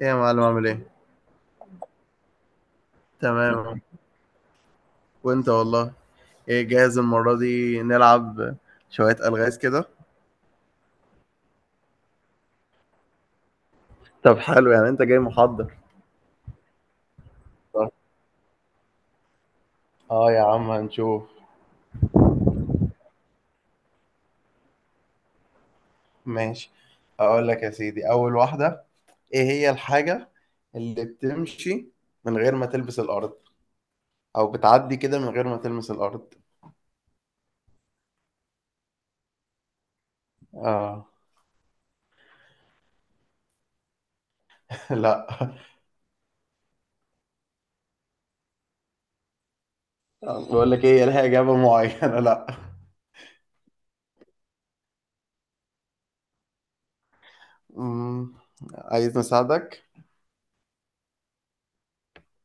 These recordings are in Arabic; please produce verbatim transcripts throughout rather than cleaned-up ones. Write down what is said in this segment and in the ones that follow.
ايه يا معلم، عامل ايه؟ تمام. وانت والله. ايه جاهز المرة دي نلعب شوية ألغاز كده؟ طب حلو، يعني انت جاي محضر؟ صح. اه، يا عم هنشوف. ماشي، اقول لك يا سيدي اول واحدة. ايه هي الحاجة اللي بتمشي من غير ما تلبس الارض، او بتعدي كده من غير ما تلمس الارض؟ اه. لا. بقول لك ايه، لها اجابة معينة، لا. امم عايز نساعدك؟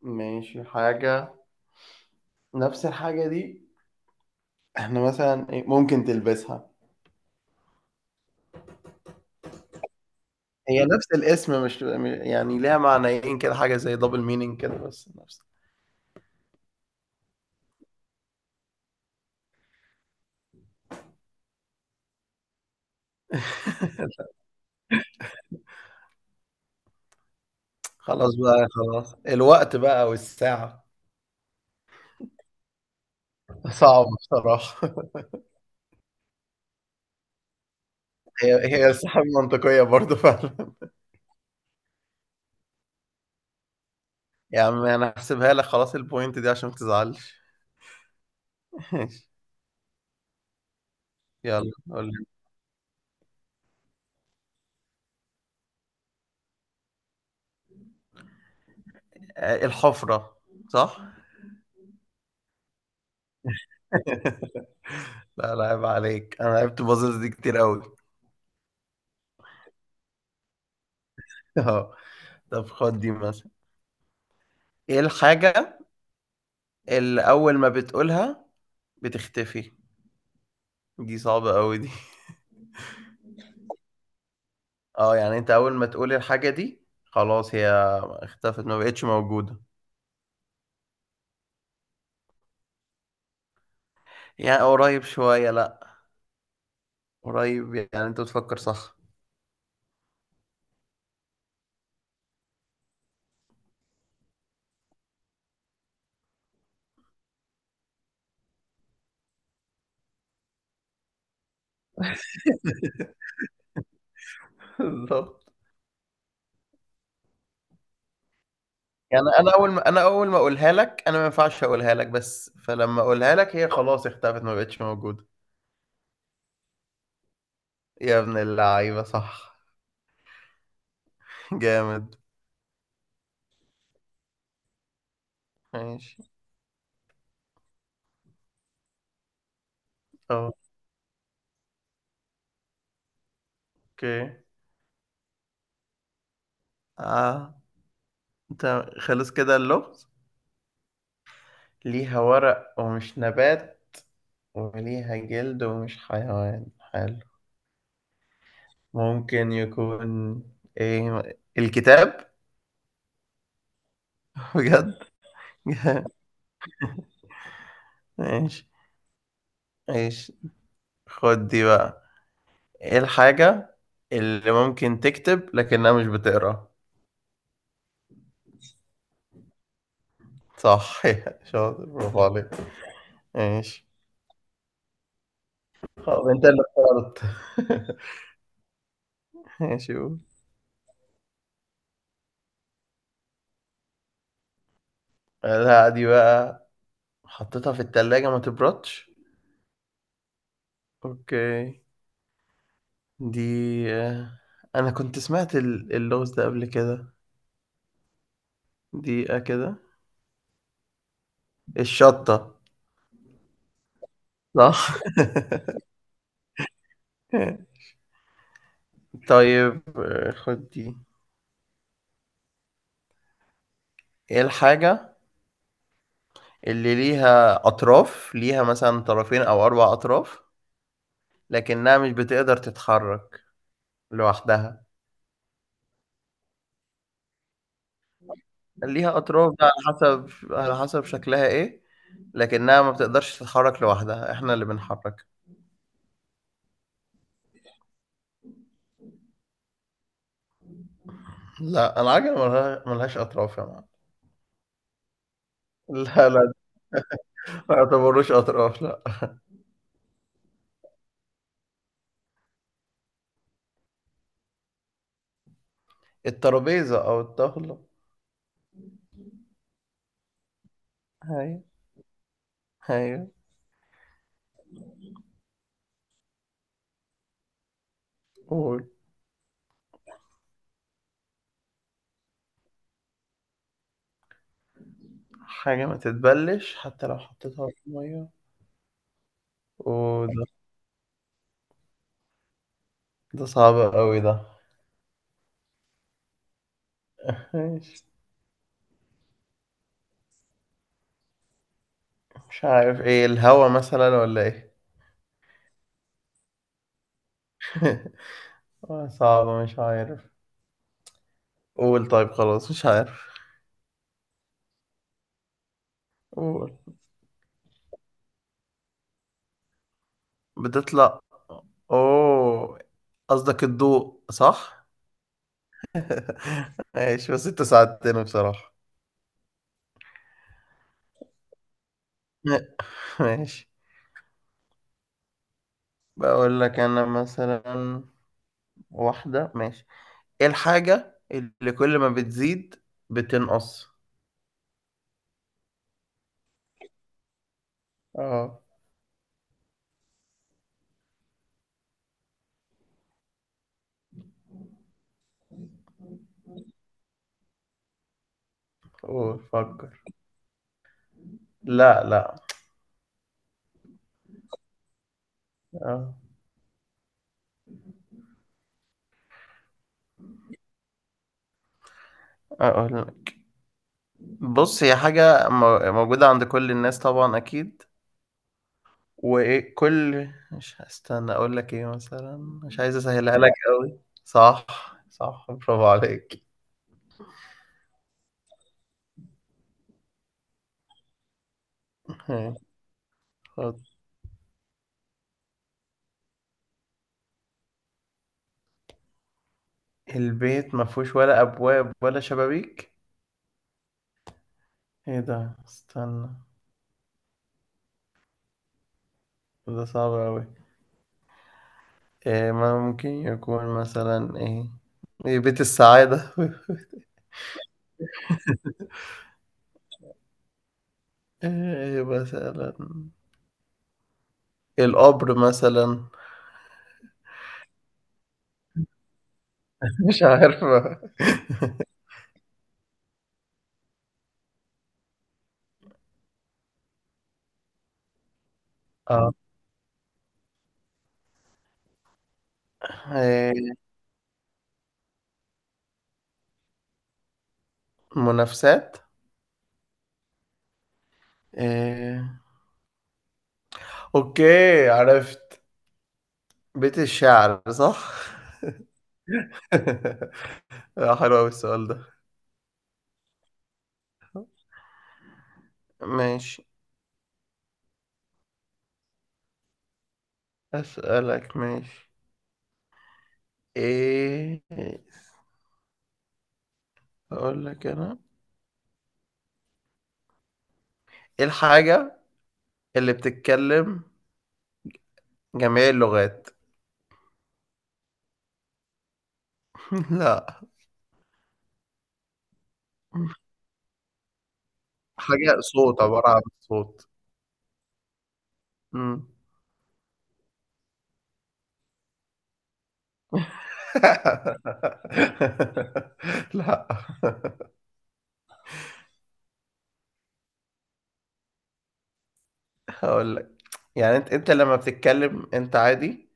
ماشي. حاجة، نفس الحاجة دي. إحنا مثلًا إيه، ممكن تلبسها، هي نفس الاسم، مش م يعني ليها معنيين كده، حاجة زي double meaning كده، بس نفس. خلاص بقى، خلاص، الوقت بقى والساعة. صعب بصراحة. هي هي الساعة منطقية برضه فعلًا. يا عم، أنا هاحسبها لك خلاص الpoint دي عشان ما تزعلش. ماشي، يالّا قُل لي. آآ، الحفرة. صح؟ لا، لا عيب عليك، أنا لعبت puzzles دي كتير أوي. آه، طب خُد دي مثلًا، إيه الحاجة اللي أول ما بتقولها بتختفي؟ دي صعبة قوي دي. اه، يعني انت اول ما تقولي الحاجة دي خلاص هي اختفت، ما بقتش موجودة. يعني قريب شوية، لا. قريب، يعني انت بتفكر صح. بالظبط. يعني انا اول ما انا اول ما اقولها لك، انا ما ينفعش اقولها لك، بس فلما اقولها لك هي خلاص اختفت، ما بقتش موجودة. يا ابن اللعيبة، صح. جامد. ماشي. اوكي. اه، انت خلص كده اللغز؟ ليها ورق ومش نبات، وليها جلد ومش حيوان. حلو. ممكن يكون ايه؟ الكتاب. بجد؟ ماشي، ماشي. خد دي بقى، ايه الحاجة اللي ممكن تكتب لكنها مش بتقرا؟ صح. شاطر، برافو عليك. ماشي. طب انت اللي اخترت. ماشي، قول. لا، دي بقى حطيتها في التلاجة ما تبردش؟ اوكي، دي آه، انا كنت سمعت ال- اللغز ده قبل كده. دقيقة كده. الشطة. صح؟ طيب، آه، خد دي. ايه الحاجة اللي ليها أطراف، ليها مثلا طرفين أو أربع أطراف، لكنها مش بتقدر تتحرك لوحدها؟ ليها أطراف بقى على حسب على حسب شكلها ايه، لكنها ما بتقدرش تتحرك لوحدها، احنا اللي بنحركها. لا، العجلة ملها- ملهاش أطراف يا معلم. لا، لا. ما يعتبروش أطراف، لا. الترابيزة أو الطاولة. هاي. هاي. قول. حاجة ما تتبلش حتى لو حطيتها في المية؟ وده، ده صعب قوي ده. مش مش عارف، ايه الهوا مثلا ولا ايه؟ آه، صعبة. مش عارف. قول. طيب خلاص، مش عارف. قول. بتطلع. اوه، قصدك الضوء. صح؟ ماشي، بس انت ساعدتني بصراحة. ماشي. بقول لك انا، مثلا واحدة. ماشي، ايه الحاجة اللي كل ما بتزيد بتنقص؟ اه. قول، فكر. لا، لا. أه. أقول. بص، هي حاجة م- موجودة عند كل الناس طبعا أكيد، وإيه، كل مش هستنى أقول لك إيه مثلا، مش عايز أسهلها لك أوي. صح. صح، برافو عليك. ماشي، خد. البيت ما فيهوش ولا أبواب ولا شبابيك؟ إيه ده، استنى. ده صعب أوي. إيه، ما ممكن يكون مثلا إيه؟ إيه، بيت السعادة؟ إيه مثلا، القبر مثلا؟ مش عارف. اه، إيه، منافسات. إيه. اوكي، عرفت. بيت الشعر. صح؟ آه، حلو قوي السؤال ده. ماشي. اسالك، ماشي. ايه، اقول لك انا. ايه الحاجة اللي بتتكلم جميع اللغات؟ لا. حاجة صوت، عبارة عن صوت. مم. لا. هقول لك، يعني انت انت لما بتتكلم انت عادي،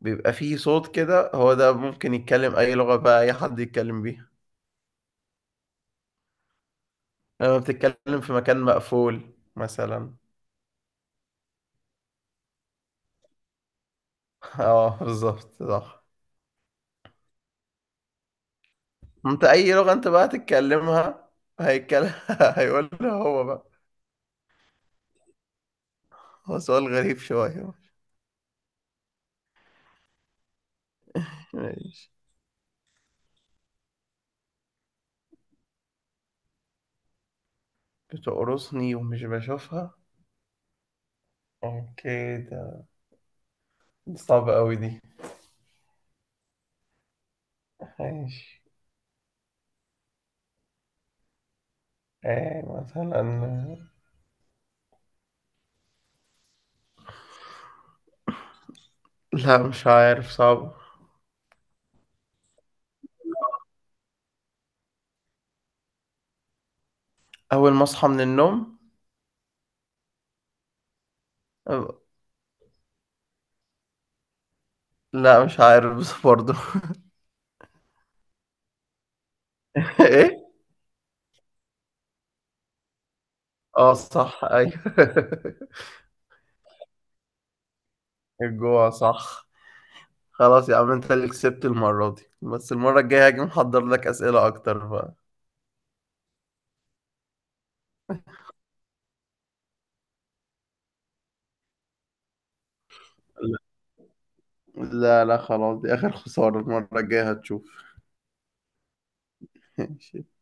بيبقى فيه صوت كده، هو ده ممكن يتكلم اي لغة، بقى اي حد يتكلم بيها لما بتتكلم في مكان مقفول مثلا. اه، بالظبط. صح. انت اي لغة انت بقى تتكلمها، هيتكلم. هيقولها هو بقى. هو سؤال غريب شوية. ماشي. بتقرصني ومش بشوفها؟ اوكي، ده صعب قوي دي. ماشي. ايه مثلا؟ لا، مش عارف، صعب. أول ما أصحى من النوم؟ أ- لا، مش عارف بس برضه. إيه؟ آه، صح، أيوه. الجوع. صح. خلاص يا عم، أنت اللي كسبت المرة دي، بس المرة الجاية هاجي محضر لك أسئلة أكتر بقى. لا. لا، لا، خلاص. دي آخر خسارة، المرة الجاية هتشوف.